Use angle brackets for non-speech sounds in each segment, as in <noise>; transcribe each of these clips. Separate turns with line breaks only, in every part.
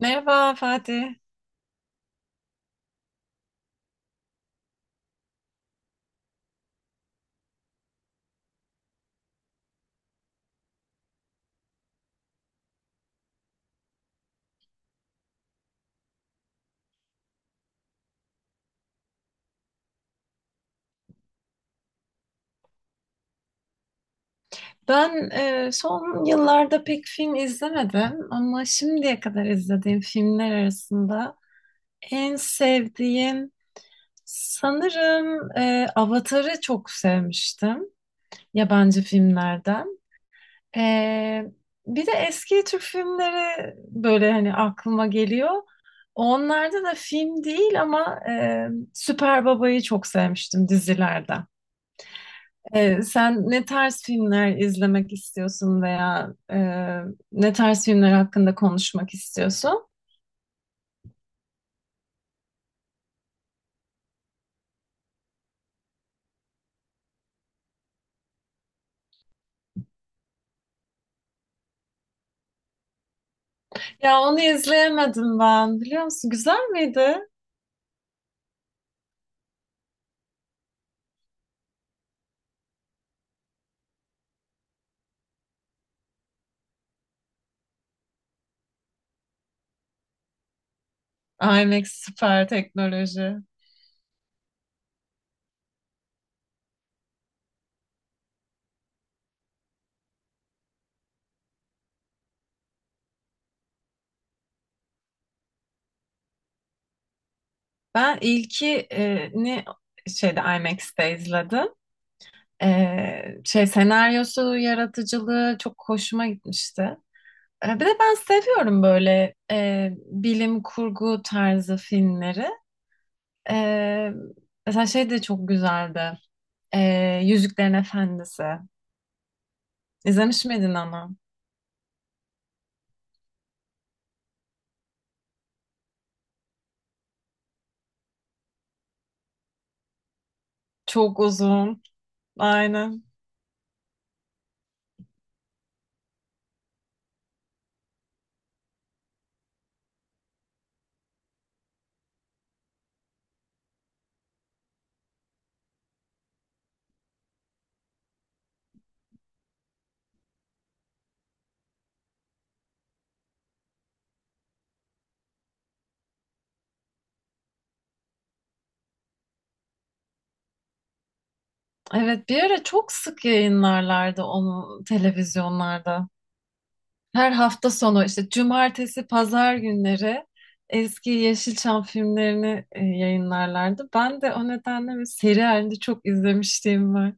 Merhaba Fatih. Ben son yıllarda pek film izlemedim ama şimdiye kadar izlediğim filmler arasında en sevdiğim sanırım Avatar'ı çok sevmiştim yabancı filmlerden. E, Bir de eski Türk filmleri böyle hani aklıma geliyor. Onlarda da film değil ama Süper Baba'yı çok sevmiştim dizilerden. Sen ne tarz filmler izlemek istiyorsun veya ne tarz filmler hakkında konuşmak istiyorsun? Ya onu izleyemedim ben, biliyor musun? Güzel miydi? IMAX süper teknoloji. Ben ilkini şeyde IMAX'te izledim. Şey, senaryosu, yaratıcılığı çok hoşuma gitmişti. Bir de ben seviyorum böyle bilim kurgu tarzı filmleri. Ee, Mesela şey de çok güzeldi. Yüzüklerin Efendisi. İzlemiş miydin onu? Çok uzun. Aynen. Evet, bir ara çok sık yayınlarlardı onu televizyonlarda. Her hafta sonu işte cumartesi, pazar günleri eski Yeşilçam filmlerini yayınlarlardı. Ben de o nedenle bir seri halinde çok izlemişliğim var.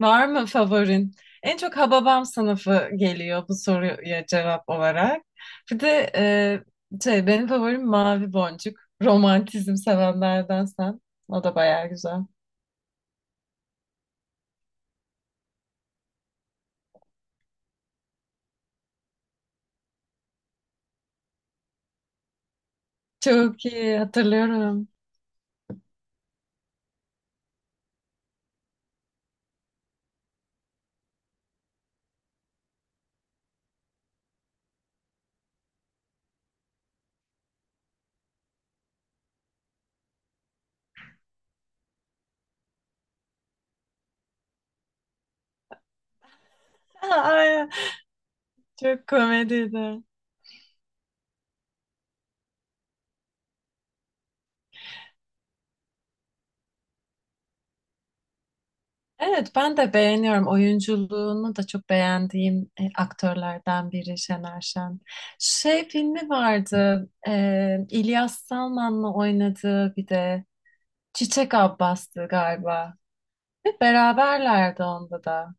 Var mı favorin? En çok Hababam sınıfı geliyor bu soruya cevap olarak. Bir de şey, benim favorim Mavi Boncuk. Romantizm sevenlerden sen. O da bayağı güzel. Çok iyi hatırlıyorum. <laughs> Ay, çok komediydi. Evet, ben de beğeniyorum. Oyunculuğunu da çok beğendiğim aktörlerden biri Şener Şen. Şey filmi vardı. İlyas Salman'la oynadığı bir de. Çiçek Abbas'tı galiba. Ve beraberlerdi onda da.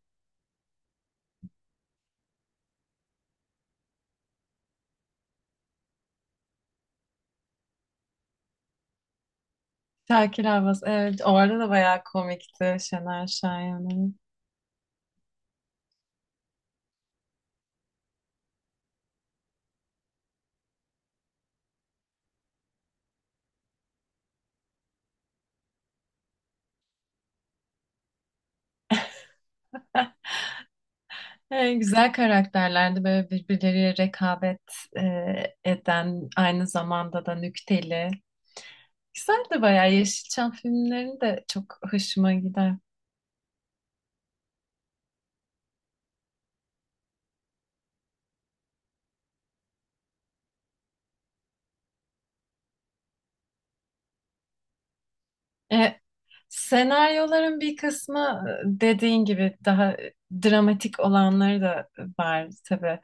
Şakir Abbas, evet orada da bayağı komikti Şener Şahin'in. Güzel karakterlerdi böyle birbirleriyle rekabet eden, aynı zamanda da nükteli. Güzeldi bayağı, Yeşilçam filmlerini de çok hoşuma gider. E, Senaryoların bir kısmı, dediğin gibi daha dramatik olanları da var tabii.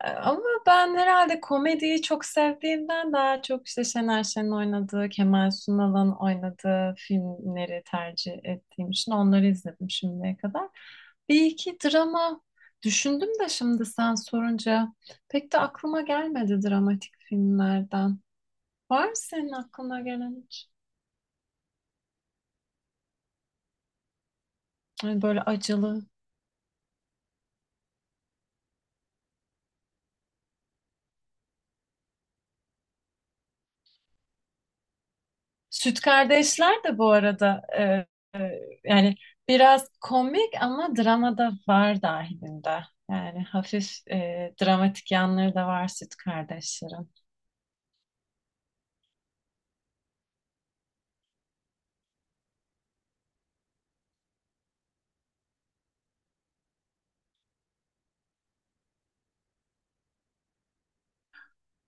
Ama ben herhalde komediyi çok sevdiğimden daha çok işte Şener Şen'in oynadığı, Kemal Sunal'ın oynadığı filmleri tercih ettiğim için onları izledim şimdiye kadar. Bir iki drama düşündüm de şimdi sen sorunca pek de aklıma gelmedi dramatik filmlerden. Var mı senin aklına gelen hiç? Yani böyle acılı Süt Kardeşler de bu arada e, yani biraz komik ama dramada var dahilinde. Yani hafif dramatik yanları da var Süt Kardeşlerin.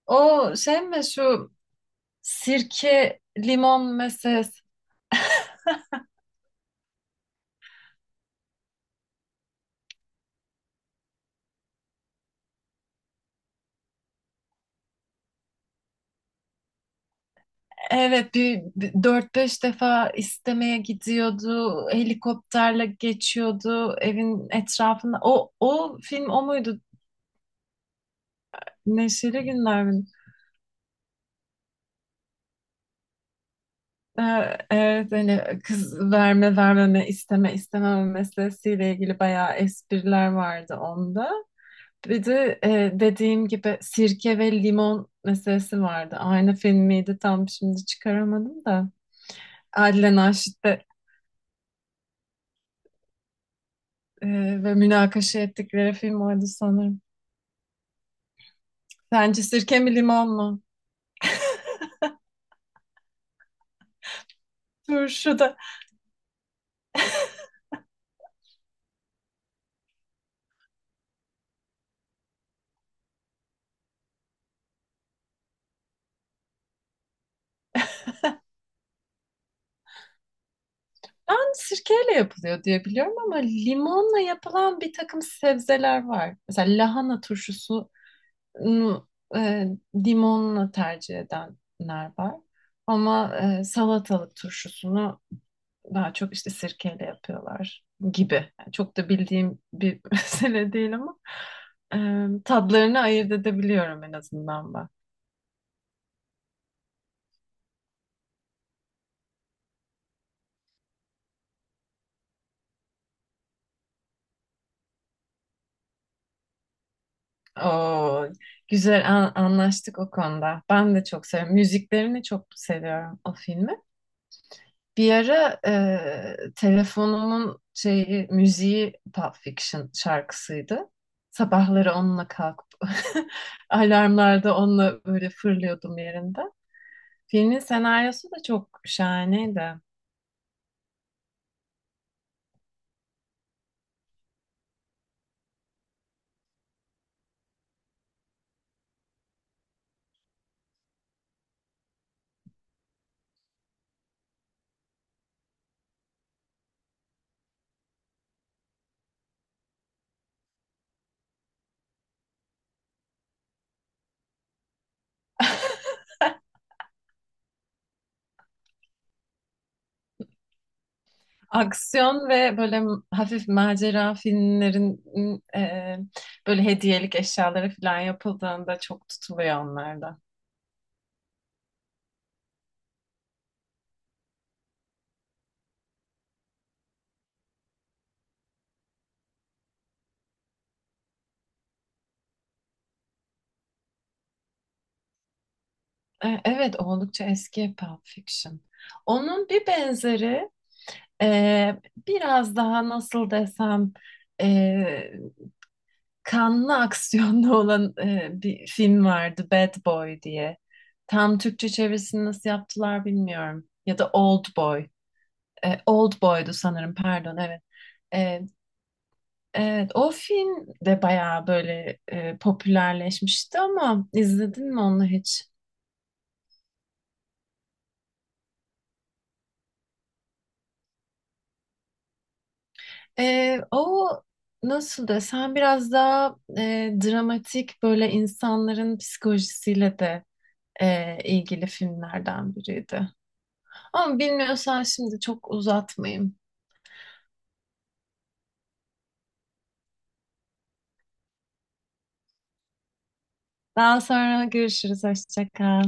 O şey mi, şu sirke limon meselesi? Evet, bir 4-5 defa istemeye gidiyordu. Helikopterle geçiyordu evin etrafında. O film o muydu? Neşeli Günler mi? Evet, hani kız verme vermeme, isteme istememe meselesiyle ilgili bayağı espriler vardı onda. Bir de dediğim gibi sirke ve limon meselesi vardı. Aynı film miydi tam, şimdi çıkaramadım da. Adile Naşit'te e, ve münakaşa ettikleri film oydu sanırım. Sence sirke mi limon mu? Turşu da. Ben sirkeyle yapılıyor diye biliyorum ama limonla yapılan bir takım sebzeler var. Mesela lahana turşusu limonla tercih edenler var. Ama salatalık turşusunu daha çok işte sirkeyle yapıyorlar gibi. Yani çok da bildiğim bir <laughs> mesele değil ama tadlarını ayırt edebiliyorum en azından ben. Oo, güzel, anlaştık o konuda. Ben de çok seviyorum. Müziklerini çok seviyorum o filmi. Bir ara telefonumun şeyi, müziği Pulp Fiction şarkısıydı. Sabahları onunla kalkıp <laughs> alarmlarda onunla böyle fırlıyordum yerinde. Filmin senaryosu da çok şahaneydi. Aksiyon ve böyle hafif macera filmlerin eee, böyle hediyelik eşyaları falan yapıldığında çok tutuluyor onlarda. Evet, oldukça eski Pulp Fiction. Onun bir benzeri, e, biraz daha nasıl desem, e, kanlı aksiyonlu <laughs> olan bir film vardı, Bad Boy diye. Tam Türkçe çevirisini nasıl yaptılar bilmiyorum. Ya da Old Boy. Old Boy'du sanırım, pardon, evet. E, evet o film de bayağı böyle popülerleşmişti ama izledin mi onu hiç? O nasıl desem, biraz daha dramatik, böyle insanların psikolojisiyle de ilgili filmlerden biriydi. Ama bilmiyorsan şimdi çok uzatmayayım. Daha sonra görüşürüz. Hoşça kal.